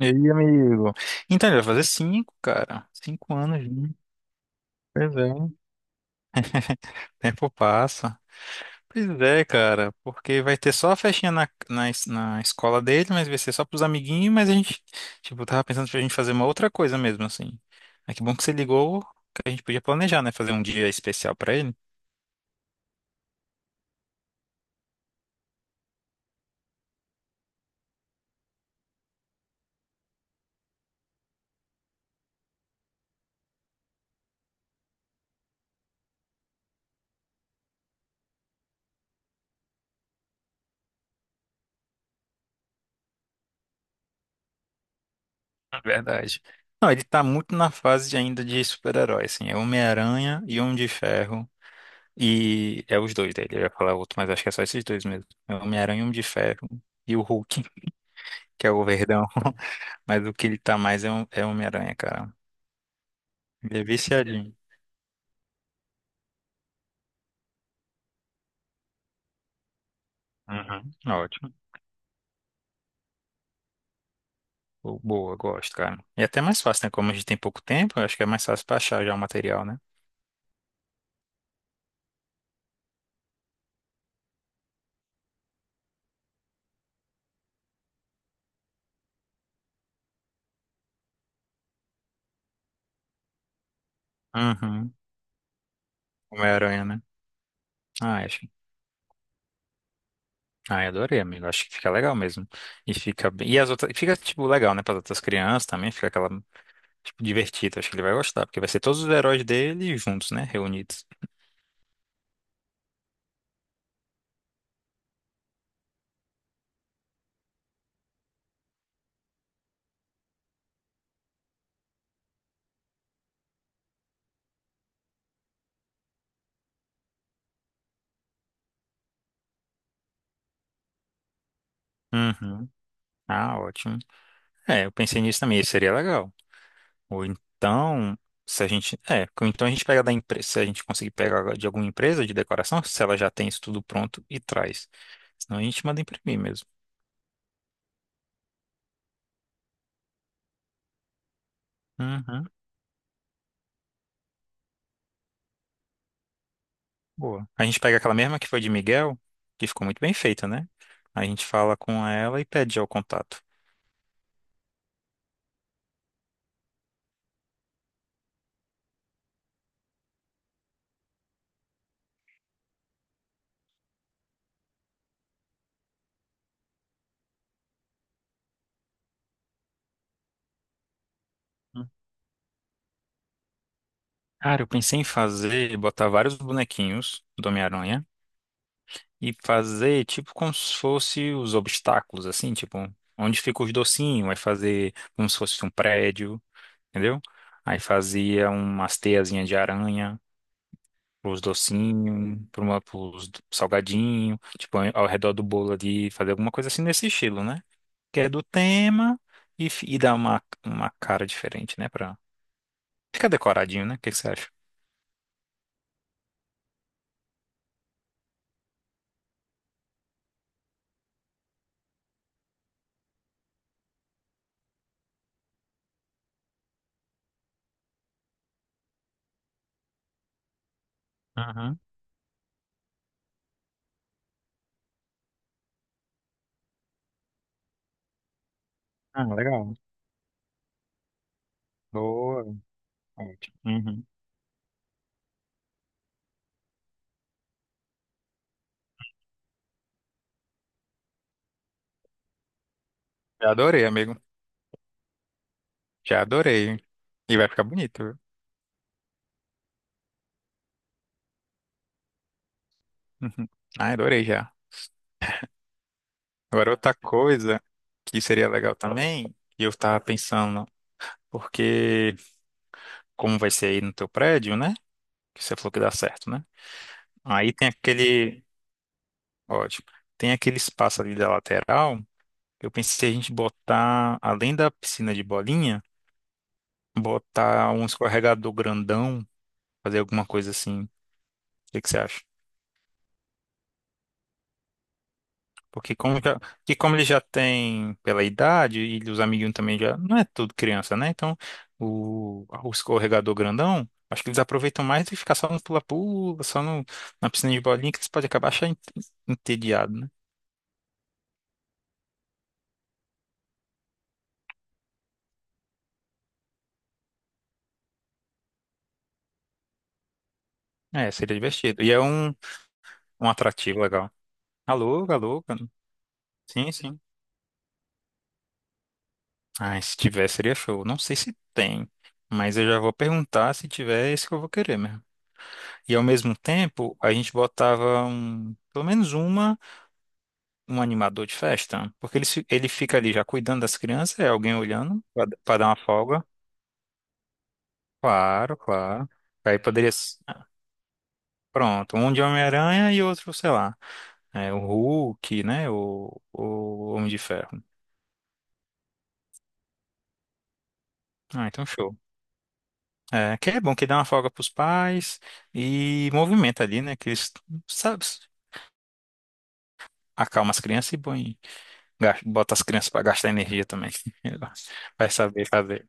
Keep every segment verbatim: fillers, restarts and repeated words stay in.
E aí, amigo? Então, ele vai fazer cinco, cara. Cinco anos, né? Pois é. O tempo passa. Pois é, cara. Porque vai ter só a festinha na, na, es- na escola dele, mas vai ser só pros amiguinhos, mas a gente, tipo, tava pensando pra gente fazer uma outra coisa mesmo, assim. Mas que bom que você ligou, que a gente podia planejar, né? Fazer um dia especial pra ele. Na verdade. Não, ele tá muito na fase de- ainda de super-herói, assim. É Homem-Aranha e Homem de Ferro. E é os dois dele, eu ia falar outro, mas acho que é só esses dois mesmo. É o Homem-Aranha e o Homem de Ferro. E o Hulk, que é o verdão. Mas o que ele tá mais é, o- é o Homem-Aranha, cara. Ele é viciadinho. Uhum, ótimo. Bo- Boa, gosto, cara. E até mais fácil, né? Como a gente tem pouco tempo, eu acho que é mais fácil pra achar já o material, né? Uhum. Homem-Aranha, né? Ah, acho. Ah, eu adorei, amigo. Acho que fica legal mesmo. E fica bem. E as outras. Fica, tipo, legal, né? Para as outras crianças também. Fica aquela divertido, acho que ele vai gostar, porque vai ser todos os heróis dele juntos, né? Reunidos. Uhum. Ah, ótimo. É, eu pensei nisso também, isso seria legal. Ou então, se a gente. É, ou então a gente pega da empresa. Se a gente conseguir pegar de alguma empresa de decoração, se ela já tem isso tudo pronto e traz. Senão a gente manda imprimir mesmo. Uhum, boa. A gente pega aquela mesma que foi de Miguel, que ficou muito bem feita, né? A gente fala com ela e pede já o contato. Hum. Cara, eu pensei em fazer, botar vários bonequinhos do Homem-Aranha e fazer tipo como se fosse os obstáculos, assim, tipo, onde fica os docinhos, vai fazer como se fosse um prédio. Entendeu? Aí fazia umas teiazinhas de aranha pros docinhos, pra uma- pros salgadinhos, tipo, ao redor do bolo ali, fazer alguma coisa assim nesse estilo, né? Que é do tema e, fi- e dá uma, uma cara diferente, né? Pra ficar decoradinho, né? O que que você acha? Uhum. Ah, legal. Boa. Ótimo. Uhum. Já adorei, amigo. Já adorei. E vai ficar bonito, viu? Uhum. Ah, adorei já. Agora outra coisa que seria legal também, e eu tava pensando, porque como vai ser aí no teu prédio, né? Que você falou que dá certo, né? Aí tem aquele, ótimo, tem aquele espaço ali da lateral. Eu pensei a gente botar, além da piscina de bolinha, botar um escorregador grandão, fazer alguma coisa assim. O que que você acha? Porque como já, que como ele já tem pela idade e os amiguinhos também já, não é tudo criança, né? Então, o, o escorregador grandão, acho que eles aproveitam mais do que ficar só no pula-pula, só no, na piscina de bolinha, que eles podem acabar achando entediado, né? É, seria divertido. E é um, um atrativo legal. Alô, alô, cara. Sim, sim. Ah, se tiver, seria show. Não sei se tem, mas eu já vou perguntar se tiver, é isso que eu vou querer mesmo. E ao mesmo tempo, a gente botava um, pelo menos uma, um animador de festa, porque ele, se- ele fica ali já cuidando das crianças, é alguém olhando para dar uma folga. Claro, claro. Aí poderia. s- Pronto, um de Homem-Aranha e outro, sei lá. É, o Hulk, né? O, o Homem de Ferro. Ah, então show. É, que é bom que dá uma folga pros pais e movimenta ali, né? Que eles, sabe, acalma as crianças e põe, gas- bota as crianças pra gastar energia também. Vai saber fazer.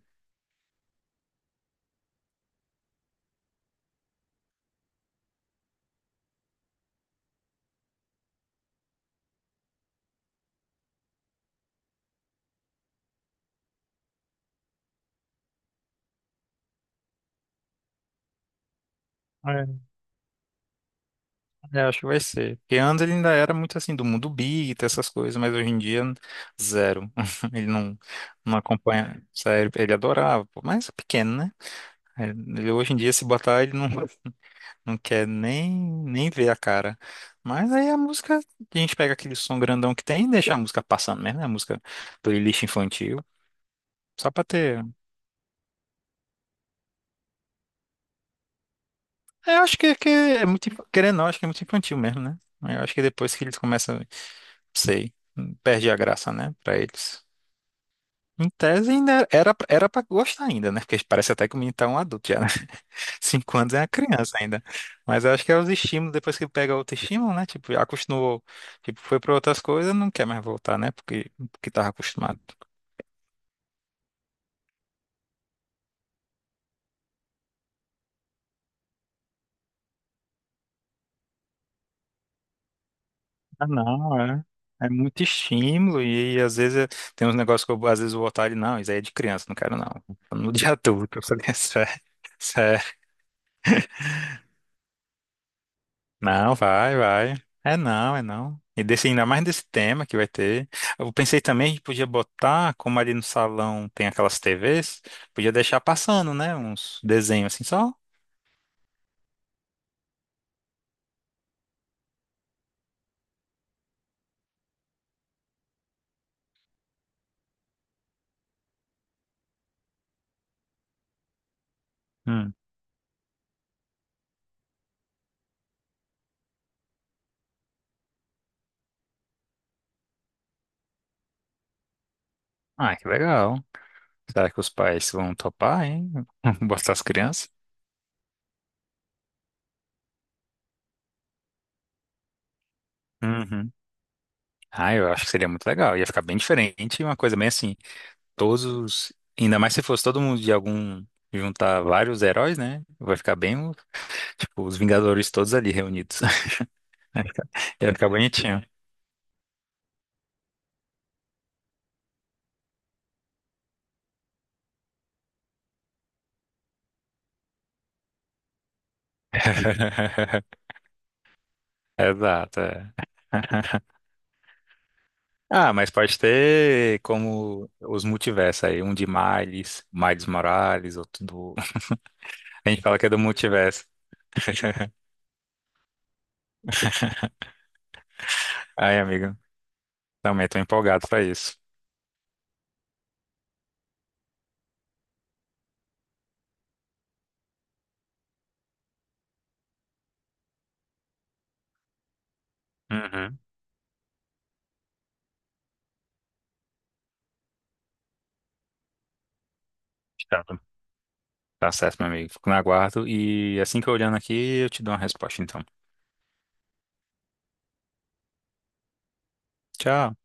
É, eu acho que vai ser. Porque antes ele ainda era muito assim, do mundo big, essas coisas, mas hoje em dia, zero. Ele não, não acompanha. Sério, ele adorava, pô, mas é pequeno, né? Ele, hoje em dia, se botar, ele não. Não quer nem, nem ver a cara. Mas aí a música, a gente pega aquele som grandão que tem e deixa a música passando mesmo, né? A música playlist infantil. Só pra ter. É, eu acho que, que é muito. inf- querendo ou não, acho que é muito infantil mesmo, né? Eu acho que depois que eles começam, sei, perde a graça, né? Pra eles. Em tese ainda era, era pra era pra gostar ainda, né? Porque parece até que o menino tá um adulto já, né? Cinco anos é uma criança ainda. Mas eu acho que é os estímulos, depois que pega outro estímulo, né? Tipo, acostumou, tipo, foi para outras coisas, não quer mais voltar, né? Porque, porque tava acostumado. Ah, não, é. É muito estímulo e, às vezes é- tem uns negócios que eu, às vezes eu vou voltar e não, isso aí é de criança, não quero não. No dia todo, isso é. Não, vai, vai. É não, é não. E desse, ainda mais desse tema que vai ter. Eu pensei também que podia botar, como ali no salão tem aquelas T Vs, podia deixar passando, né? Uns desenhos assim só. Hum. Ah, que legal. Será que os pais vão topar, hein? Botar as crianças? Uhum. Ah, eu acho que seria muito legal. Ia ficar bem diferente, uma coisa bem assim. Todos, os- Ainda mais se fosse todo mundo de algum, juntar vários heróis, né? Vai ficar bem, tipo, os Vingadores todos ali reunidos. Ia ficar bonitinho. Exato, é. Ah, mas pode ter como os multiversos aí, um de Miles, Miles Morales, outro do... A gente fala que é do multiverso. Aí, amigo, também tô empolgado pra isso. Uhum. Tá, tá certo, meu amigo. Fico no aguardo e assim que eu olhando aqui, eu te dou uma resposta, então. Tchau.